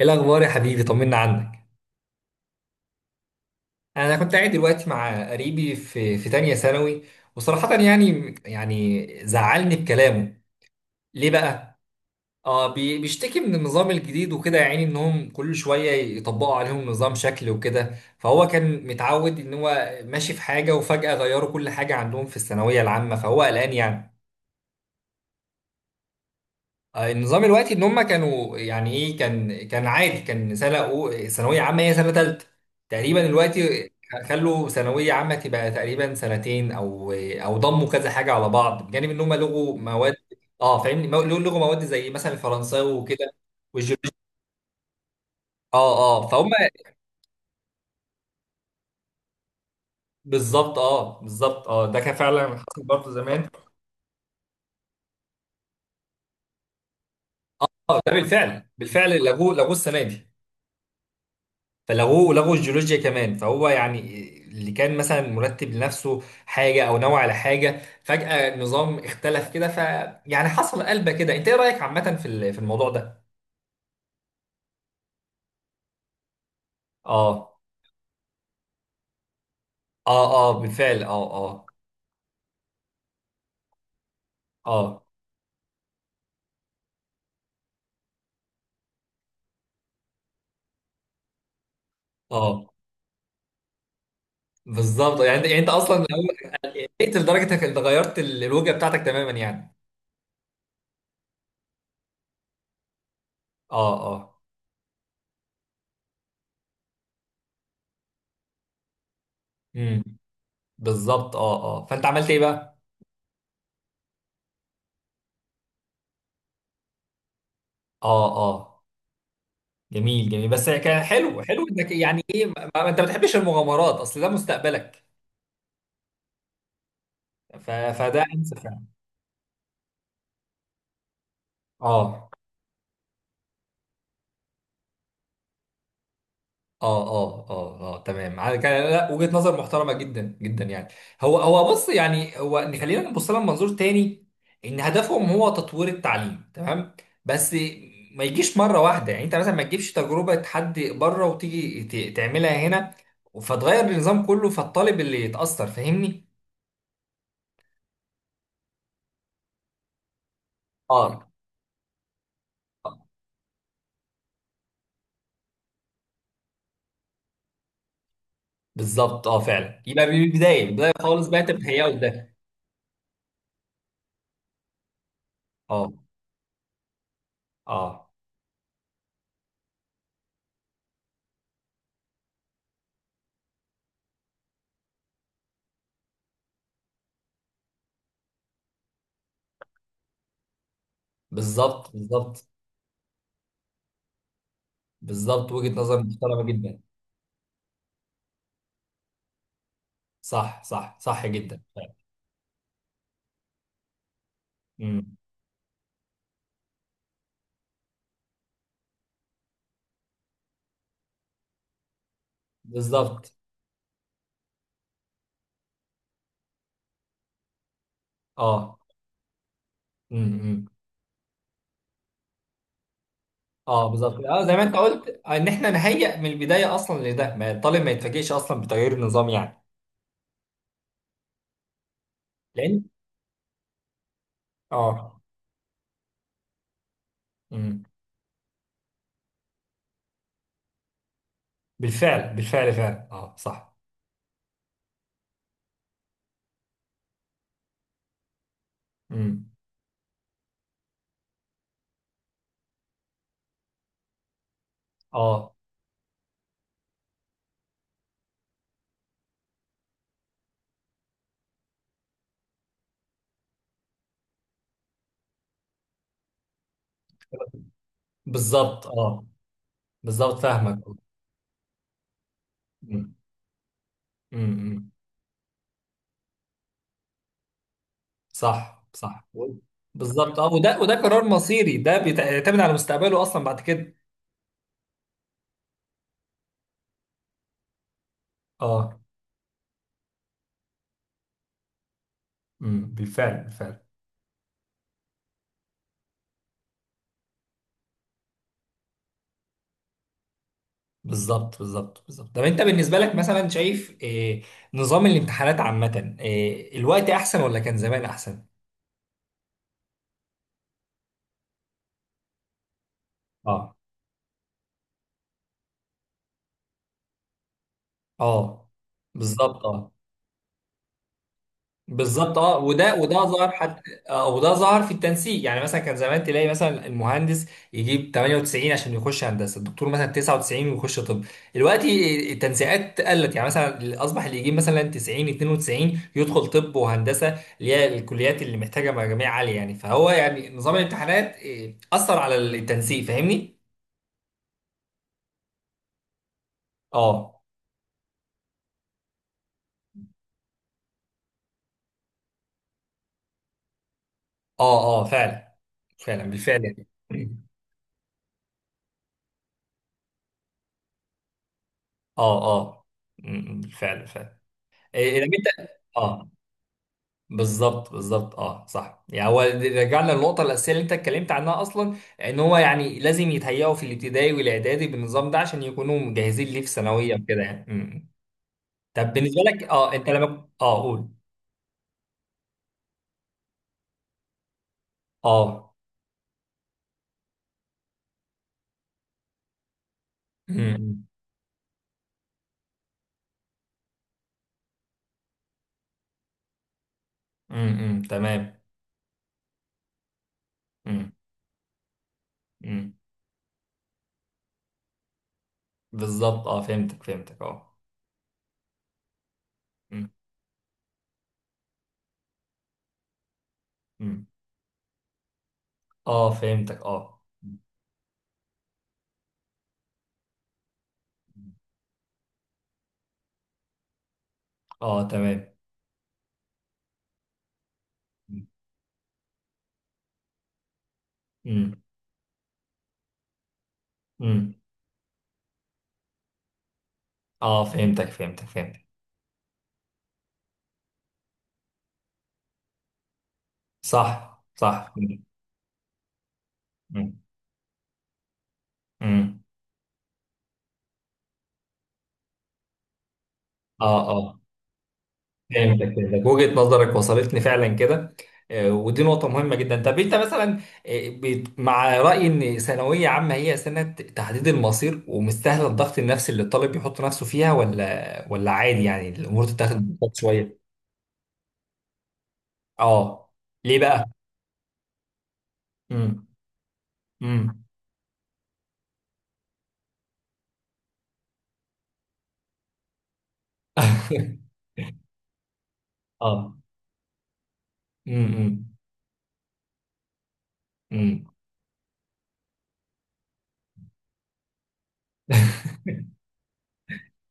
ايه الاخبار يا حبيبي؟ طمنا عنك. انا كنت قاعد دلوقتي مع قريبي في تانية ثانوي، وصراحة يعني زعلني بكلامه. ليه بقى؟ اه، بيشتكي من النظام الجديد وكده، يعني انهم كل شوية يطبقوا عليهم نظام شكل وكده، فهو كان متعود ان هو ماشي في حاجة وفجأة غيروا كل حاجة عندهم في الثانوية العامة، فهو قلقان يعني. النظام الوقتي ان هم كانوا يعني ايه، كان عادي، كان ثانويه عامه هي سنه ثالثه تقريبا الوقتي. خلوا ثانويه عامه تبقى تقريبا سنتين، او ضموا كذا حاجه على بعض، بجانب ان هم لغوا مواد. اه، فاهمني، لغوا مواد زي مثلا الفرنساوي وكده، والجيولوجيا. اه اه، فهم. بالظبط، اه بالظبط، اه ده كان فعلا حصل برضه زمان. اه، ده بالفعل بالفعل لغوه، لغوه السنه دي. فلغوه، لغوا الجيولوجيا كمان. فهو يعني اللي كان مثلا مرتب لنفسه حاجه او نوع على حاجه، فجأة النظام اختلف كده، ف يعني حصل قلبه كده. انت ايه رأيك عامه في في الموضوع ده؟ اه اه اه، بالفعل اه. اه اه اه، بالظبط. يعني انت، يعني انت اصلا قلت لدرجه انك غيرت الوجهه بتاعتك تماما يعني. اه اه. امم، بالظبط اه اه. فانت عملت ايه بقى؟ اه اه، جميل جميل. بس كان حلو حلو انك يعني ايه، انت ما بتحبش المغامرات، اصل ده مستقبلك. فده انسب فعلا. اه اه اه اه اه، تمام. على كان لا، وجهة نظر محترمة جدا جدا يعني. هو بص، يعني هو إن خلينا نبص لها من منظور تاني. ان هدفهم هو تطوير التعليم تمام، بس ما يجيش مرة واحدة. يعني انت مثلا ما تجيبش تجربة حد بره وتيجي تعملها هنا، فتغير النظام كله، فالطالب اللي يتأثر فاهمني؟ اه آه. بالظبط اه فعلا. يبقى من البدايه، من البدايه خالص بقى تبقى لده. اه اه. بالظبط بالظبط بالظبط، وجهه نظر محترمه جدا. صح صح صح، جدا فعلا. امم، بالظبط اه. امم. اه بالظبط، اه زي ما انت قلت، ان احنا نهيئ من البدايه اصلا لده، ما الطالب ما يتفاجئش اصلا بتغيير النظام يعني. لان اه. امم، بالفعل بالفعل فعلا اه صح. امم، اه بالظبط. اه بالظبط، فاهمك. امم امم. صح صح، بالظبط. اه، وده وده قرار مصيري، ده بيعتمد على مستقبله اصلا بعد كده. اه. امم، بالفعل بالفعل. بالظبط بالظبط بالظبط. طب انت بالنسبه لك مثلا شايف إيه؟ نظام الامتحانات عامه، إيه، الوقت احسن ولا كان زمان احسن؟ اه اه، بالظبط اه. بالظبط اه، وده وده ظهر حتى. آه، وده ظهر في التنسيق. يعني مثلا كان زمان تلاقي مثلا المهندس يجيب 98 عشان يخش هندسه، الدكتور مثلا 99 ويخش طب. دلوقتي التنسيقات قلت. يعني مثلا اصبح اللي يجيب مثلا 90 92 يدخل طب وهندسه، اللي هي الكليات اللي محتاجه مجاميع عاليه يعني. فهو يعني نظام الامتحانات آه، اثر على التنسيق، فاهمني؟ اه اه اه فعلا. فعلا بالفعل يعني م. اه اه. م- م، بالفعل فعلا. إيه، إيه، لما انت. اه بالظبط بالظبط اه صح. يعني هو رجعنا للنقطه الاساسيه اللي انت اتكلمت عنها اصلا، ان هو يعني لازم يتهيئوا في الابتدائي والاعدادي بالنظام ده، عشان يكونوا مجهزين ليه في ثانويه وكده يعني. امم. طب بالنسبه لك اه، انت لما اه قول. اه. امم. امم. امم، تمام. امم. امم. بالظبط اه، فهمتك فهمتك اه. امم. امم. اه فهمتك اه. اه تمام. امم. امم. اه فهمتك فهمتك فهمتك. صح صح. امم. امم. اه اه فهمتك فهمتك، وجهة نظرك وصلتني فعلا كده. آه، ودي نقطة مهمة جدا. طب انت مثلا آه، مع رأيي ان ثانوية عامة هي سنة تحديد المصير ومستاهلة الضغط النفسي اللي الطالب يحط نفسه فيها، ولا عادي يعني الأمور تتاخد ببساطة شوية؟ اه. ليه بقى؟ امم. امم. اه. امم. امم.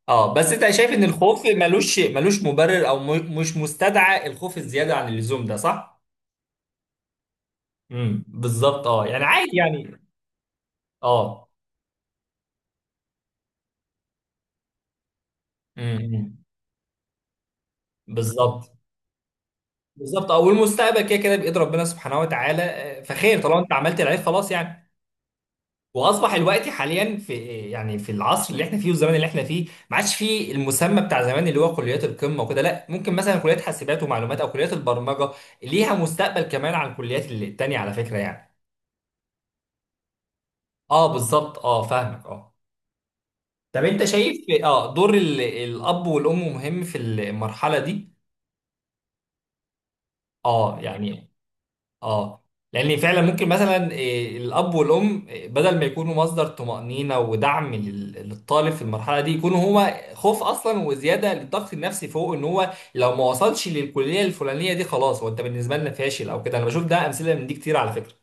اه، بس انت شايف ان الخوف ملوش مبرر، او مش مستدعى الخوف الزيادة عن اللزوم ده، صح؟ امم، بالظبط اه، يعني عادي يعني. اه. امم، بالظبط. بالظبط، او المستقبل كده كده بايد ربنا سبحانه وتعالى آه، فخير طالما انت عملت العيب خلاص يعني. واصبح الوقت حاليا في يعني، في العصر اللي احنا فيه والزمان اللي احنا فيه، ما عادش فيه المسمى بتاع زمان اللي هو كليات القمه وكده. لا، ممكن مثلا كليات حاسبات ومعلومات او كليات البرمجه ليها مستقبل كمان عن الكليات التانيه، على فكره يعني. اه بالظبط اه، فاهمك اه. طب انت شايف اه، دور الاب والام مهم في المرحله دي؟ اه يعني. اه، لان فعلا ممكن مثلا إيه، الاب والام إيه، بدل ما يكونوا مصدر طمأنينة ودعم للطالب في المرحله دي، يكونوا هما خوف اصلا وزياده للضغط النفسي، فوق ان هو لو ما وصلش للكليه الفلانيه دي خلاص هو، انت بالنسبه لنا فاشل او كده. انا بشوف ده امثله من دي كتير على فكره.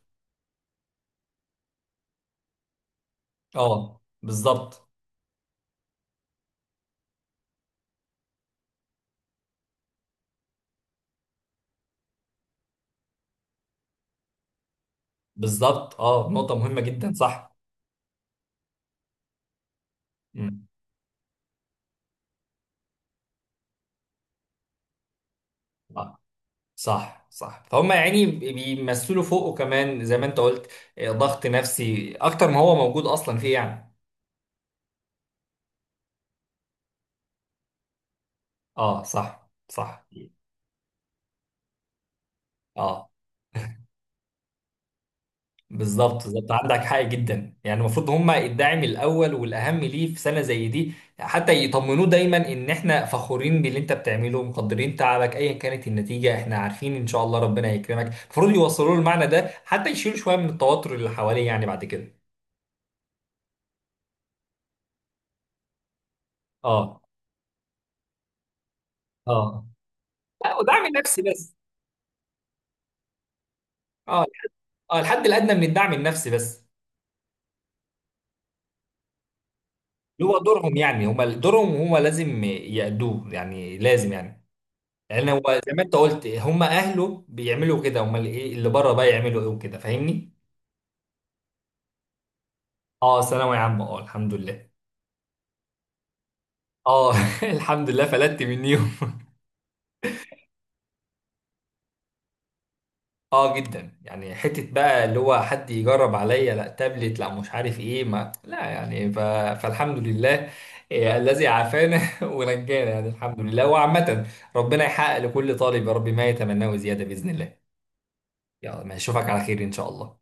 اه بالظبط بالظبط، اه نقطه مهمه جدا صح. مم. آه، صح صح فهم، يعني بيمثلوا فوقه كمان زي ما انت قلت إيه، ضغط نفسي اكتر ما هو موجود اصلا فيه يعني. اه صح صح. اه بالظبط بالظبط، عندك حق جدا. يعني المفروض هم الداعم الاول والاهم ليه في سنه زي دي، حتى يطمنوه دايما ان احنا فخورين باللي انت بتعمله، مقدرين تعبك ايا كانت النتيجه، احنا عارفين ان شاء الله ربنا هيكرمك. المفروض يوصلوا له المعنى ده حتى يشيلوا شويه من التوتر اللي حواليه يعني بعد كده. اه اه. لا، ودعم نفسي بس. اه اه، الحد الادنى من الدعم النفسي بس. اللي هو دورهم، يعني هم دورهم هم لازم يأدوه يعني، لازم يعني. لان هو زي ما انت قلت هم اهله بيعملوا كده، امال ايه اللي بره بقى يعملوا ايه وكده، فاهمني. اه، ثانوي عام اه، الحمد لله. اه. الحمد لله، فلتت منيهم. اه جدا، يعني حته بقى اللي هو حد يجرب عليا، لا تابلت، لا مش عارف ايه، ما لا يعني فالحمد لله. إيه الذي عافانا ونجانا، يعني الحمد لله. وعامة، ربنا يحقق لكل طالب يا رب ما يتمناه زيادة بإذن الله. يلا، ما اشوفك على خير إن شاء الله.